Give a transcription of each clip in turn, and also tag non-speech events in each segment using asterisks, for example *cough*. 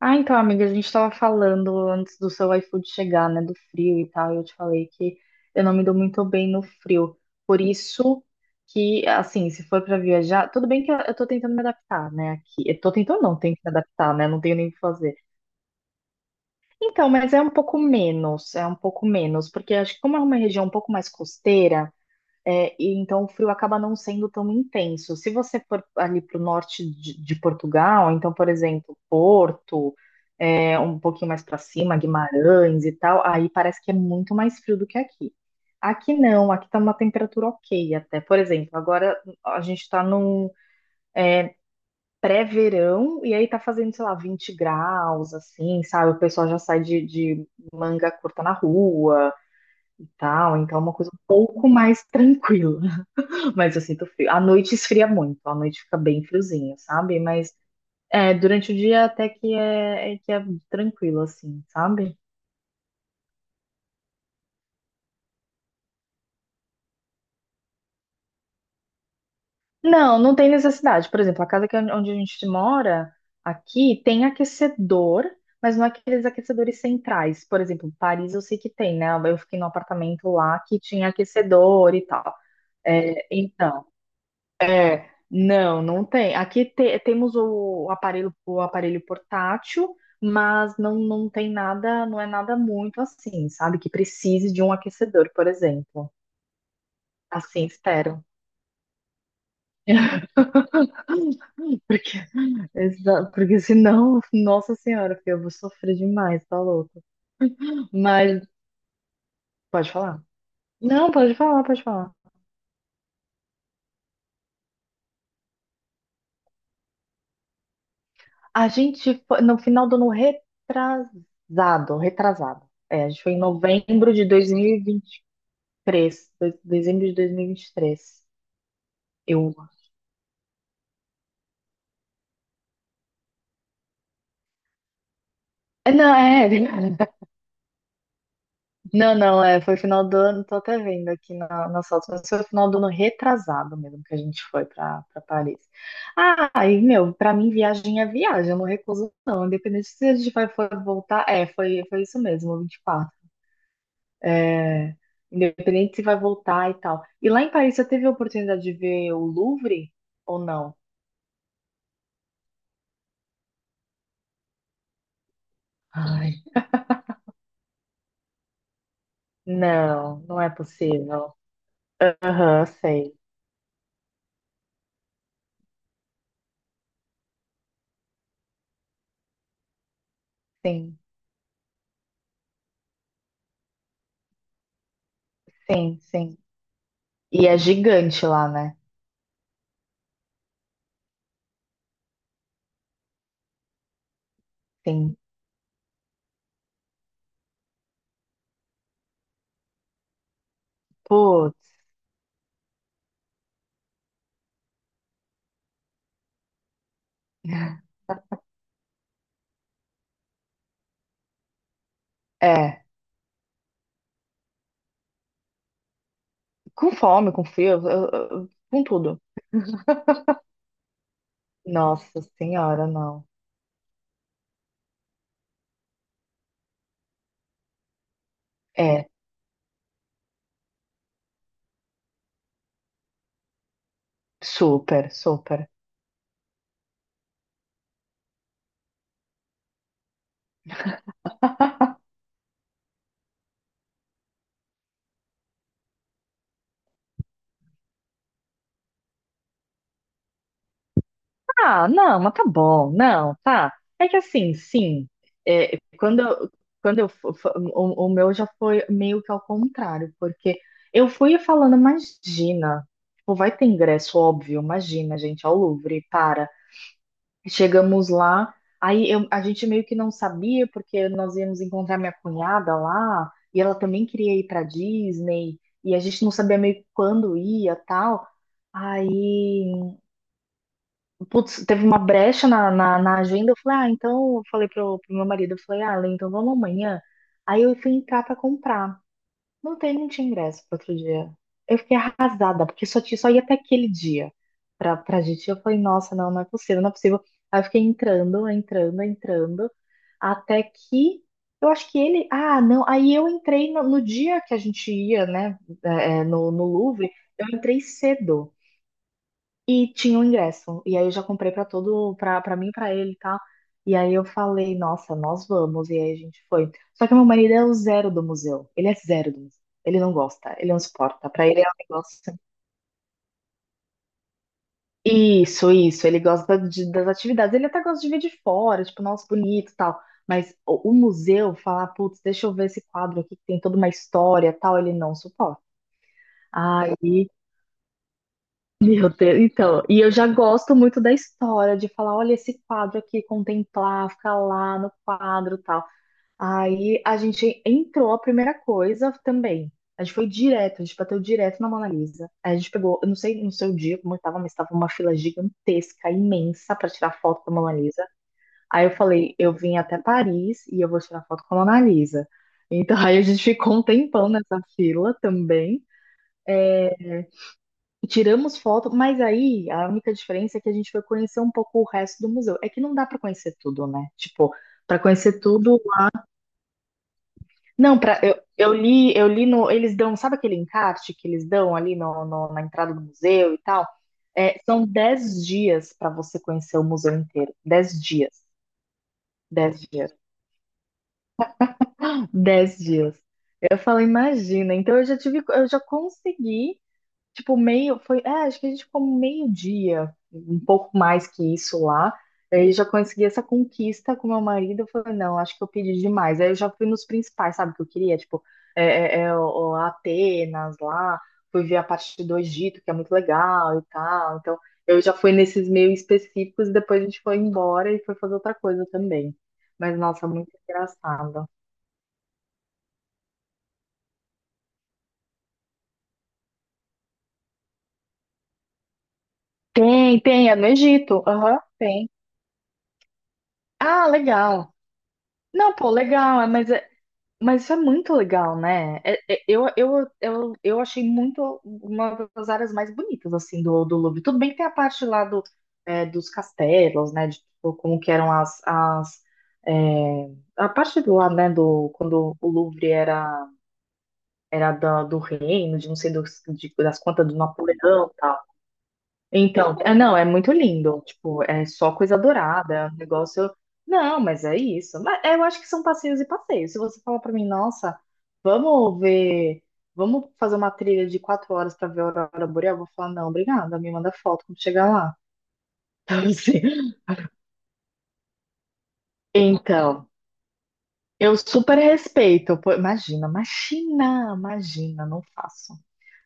Ah, então, amiga, a gente tava falando antes do seu iFood chegar, né, do frio e tal, e eu te falei que eu não me dou muito bem no frio. Por isso que, assim, se for pra viajar, tudo bem que eu tô tentando me adaptar, né, aqui. Eu tô tentando não, tenho que me adaptar, né, não tenho nem o que fazer. Então, mas é um pouco menos, é um pouco menos, porque acho que como é uma região um pouco mais costeira, é, e então o frio acaba não sendo tão intenso. Se você for ali pro norte de Portugal, então, por exemplo, Porto um pouquinho mais para cima, Guimarães e tal, aí parece que é muito mais frio do que aqui. Aqui não, aqui tá uma temperatura ok até. Por exemplo, agora a gente tá num pré-verão e aí tá fazendo, sei lá, 20 graus, assim, sabe? O pessoal já sai de manga curta na rua e tal, então é uma coisa um pouco mais tranquila. *laughs* Mas eu sinto frio. À noite esfria muito, à noite fica bem friozinho, sabe? Mas é, durante o dia até que é, é que é tranquilo, assim, sabe? Não, não tem necessidade. Por exemplo, a casa que, onde a gente mora, aqui, tem aquecedor, mas não é aqueles aquecedores centrais. Por exemplo, Paris eu sei que tem, né? Eu fiquei num apartamento lá que tinha aquecedor e tal. É, então, não, não tem. Aqui te- temos o aparelho portátil, mas não, não tem nada, não é nada muito assim, sabe? Que precise de um aquecedor, por exemplo. Assim, espero. *laughs* Porque Exa- Porque senão, *laughs* nossa senhora, filho, eu vou sofrer demais, tá louco. Mas, pode falar? Não, pode falar, pode falar. A gente foi no final do ano retrasado, retrasado. É, a gente foi em novembro de 2023, dezembro de dois mil e vinte e três. Eu. É, Não, é, *laughs* Não, não, é, foi final do ano, tô até vendo aqui na, nas fotos, mas foi final do ano retrasado mesmo que a gente foi pra, pra Paris. Ah, aí, meu, pra mim viagem é viagem, eu não recuso não, independente se a gente vai for voltar, é, foi, foi isso mesmo, 24. É, independente se vai voltar e tal. E lá em Paris, você teve a oportunidade de ver o Louvre ou não? Ai, não, não é possível. Aham, sei. Sim, sim, sim. E é gigante lá, né? Sim. É, com fome, com frio, com tudo. Nossa senhora, não. É, super, super. Ah, não, mas tá bom, não, tá. É que assim, sim, é, quando, quando eu, o meu já foi meio que ao contrário, porque eu fui falando, imagina, tipo, vai ter ingresso, óbvio, imagina, gente, ao Louvre, para. Chegamos lá, aí a gente meio que não sabia, porque nós íamos encontrar minha cunhada lá, e ela também queria ir para Disney, e a gente não sabia meio que quando ia, tal. Aí, putz, teve uma brecha na agenda, eu falei, ah, então, eu falei pro meu marido, eu falei, ah, Ale, então vamos amanhã. Aí eu fui entrar para comprar. Não tem, não tinha ingresso para outro dia. Eu fiquei arrasada, porque só, tinha, só ia até aquele dia pra, pra gente. Eu falei, nossa, não, não é possível, não é possível. Aí eu fiquei entrando, entrando, entrando, até que eu acho que ele. Ah, não. Aí eu entrei no, no dia que a gente ia, né, é, é, no Louvre, eu entrei cedo. E tinha o ingresso. E aí eu já comprei pra todo, pra para mim, pra ele e tal. E aí eu falei, nossa, nós vamos. E aí a gente foi. Só que meu marido é o zero do museu. Ele é zero do museu. Ele não gosta, ele não suporta. Pra ele é um negócio. Isso, isso. Ele gosta das atividades. Ele até gosta de ver de fora, tipo, nossa, bonito e tal. Mas o museu, falar, putz, deixa eu ver esse quadro aqui que tem toda uma história e tal, ele não suporta. Aí Meu Deus, então, e eu já gosto muito da história, de falar, olha esse quadro aqui, contemplar, ficar lá no quadro e tal. Aí a gente entrou, a primeira coisa também, a gente foi direto, a gente bateu direto na Mona Lisa. Aí a gente pegou, eu não sei no seu dia como estava, mas estava uma fila gigantesca, imensa, para tirar foto da Mona Lisa. Aí eu falei, eu vim até Paris e eu vou tirar foto com a Mona Lisa. Então *laughs* aí a gente ficou um tempão nessa fila também. É, tiramos foto, mas aí a única diferença é que a gente foi conhecer um pouco o resto do museu. É que não dá para conhecer tudo, né? Tipo, para conhecer tudo. Não, para eu, eu li no, eles dão, sabe aquele encarte que eles dão ali no, na entrada do museu e tal? É, são 10 dias para você conhecer o museu inteiro. 10 dias. 10 dias. 10 dias. Eu falo, imagina. Então eu já tive, eu já consegui. Tipo, meio, foi, é, acho que a gente ficou meio-dia, um pouco mais que isso lá. Aí já consegui essa conquista com meu marido. Eu falei, não, acho que eu pedi demais. Aí eu já fui nos principais, sabe, que eu queria, tipo, é, o Atenas lá, fui ver a parte do Egito, que é muito legal e tal. Então, eu já fui nesses meio específicos, e depois a gente foi embora e foi fazer outra coisa também. Mas, nossa, muito engraçado. Tem, tem, é no Egito. Aham, tem. Ah, legal. Não, pô, legal, é, mas mas isso é muito legal, né? Eu, eu achei muito uma das áreas mais bonitas, assim, do Louvre. Tudo bem que tem a parte lá do, é, dos castelos, né? De tipo, como que eram as... as é, a parte do lá, né? Do, quando o Louvre era, era da, do reino, de não sei das contas do Napoleão, então, é, não, é muito lindo. Tipo, é só coisa dourada, é um negócio. Não, mas é isso. Mas é, eu acho que são passeios e passeios. Se você falar pra mim, nossa, vamos ver, vamos fazer uma trilha de 4 horas pra ver a aurora boreal, eu vou falar, não, obrigada, me manda foto quando chegar lá. *laughs* Então, assim, então, eu super respeito. Pô, imagina, imagina, imagina, não faço.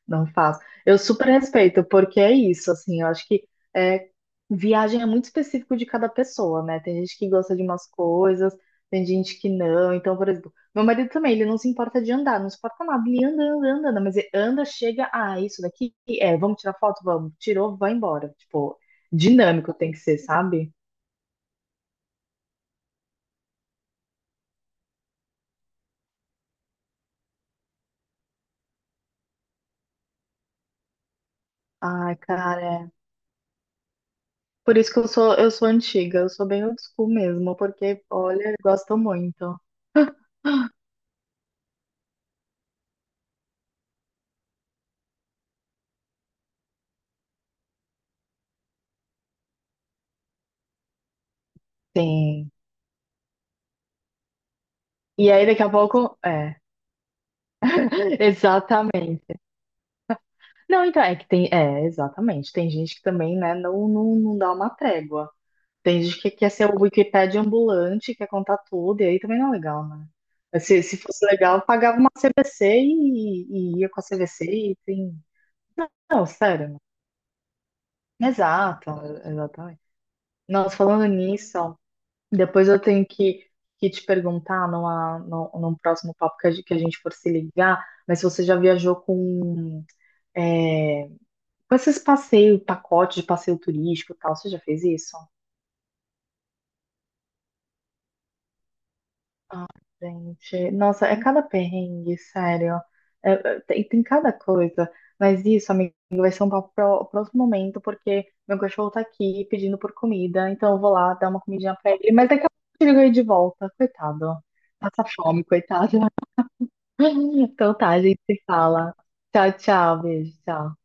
Não faço. Eu super respeito, porque é isso, assim, eu acho que é, viagem é muito específico de cada pessoa, né? Tem gente que gosta de umas coisas, tem gente que não. Então, por exemplo, meu marido também, ele não se importa de andar, não se importa nada, ele anda, anda, anda, anda, mas ele anda, chega, ah, isso daqui, é, vamos tirar foto? Vamos. Tirou, vai embora. Tipo, dinâmico tem que ser, sabe? Ai, cara, é. Por isso que eu sou antiga, eu sou bem old school mesmo, porque, olha, eu gosto muito. Sim. E aí, daqui a pouco, é. Exatamente. Não, então, é que tem. É, exatamente. Tem gente que também, né, não, não, não dá uma trégua. Tem gente que quer ser o Wikipédia ambulante, quer contar tudo, e aí também não é legal, né? Mas se fosse legal, eu pagava uma CVC e ia com a CVC e tem. Não, sério. Né? Exato, exatamente. Nossa, falando nisso, ó, depois eu tenho que te perguntar numa, num, num, próximo papo que a gente for se ligar, mas se você já viajou com. É, com esses passeios, pacote de passeio turístico e tal, você já fez isso? Gente, nossa, é cada perrengue, sério. É, é, tem, tem cada coisa. Mas isso, amigo, vai ser um papo pro próximo momento, porque meu cachorro tá aqui pedindo por comida, então eu vou lá dar uma comidinha pra ele. Mas daqui a pouco eu ligo aí de volta, coitado. Passa fome, coitado. *laughs* Então tá, a gente se fala. Tchau, tchau, beijo, tchau.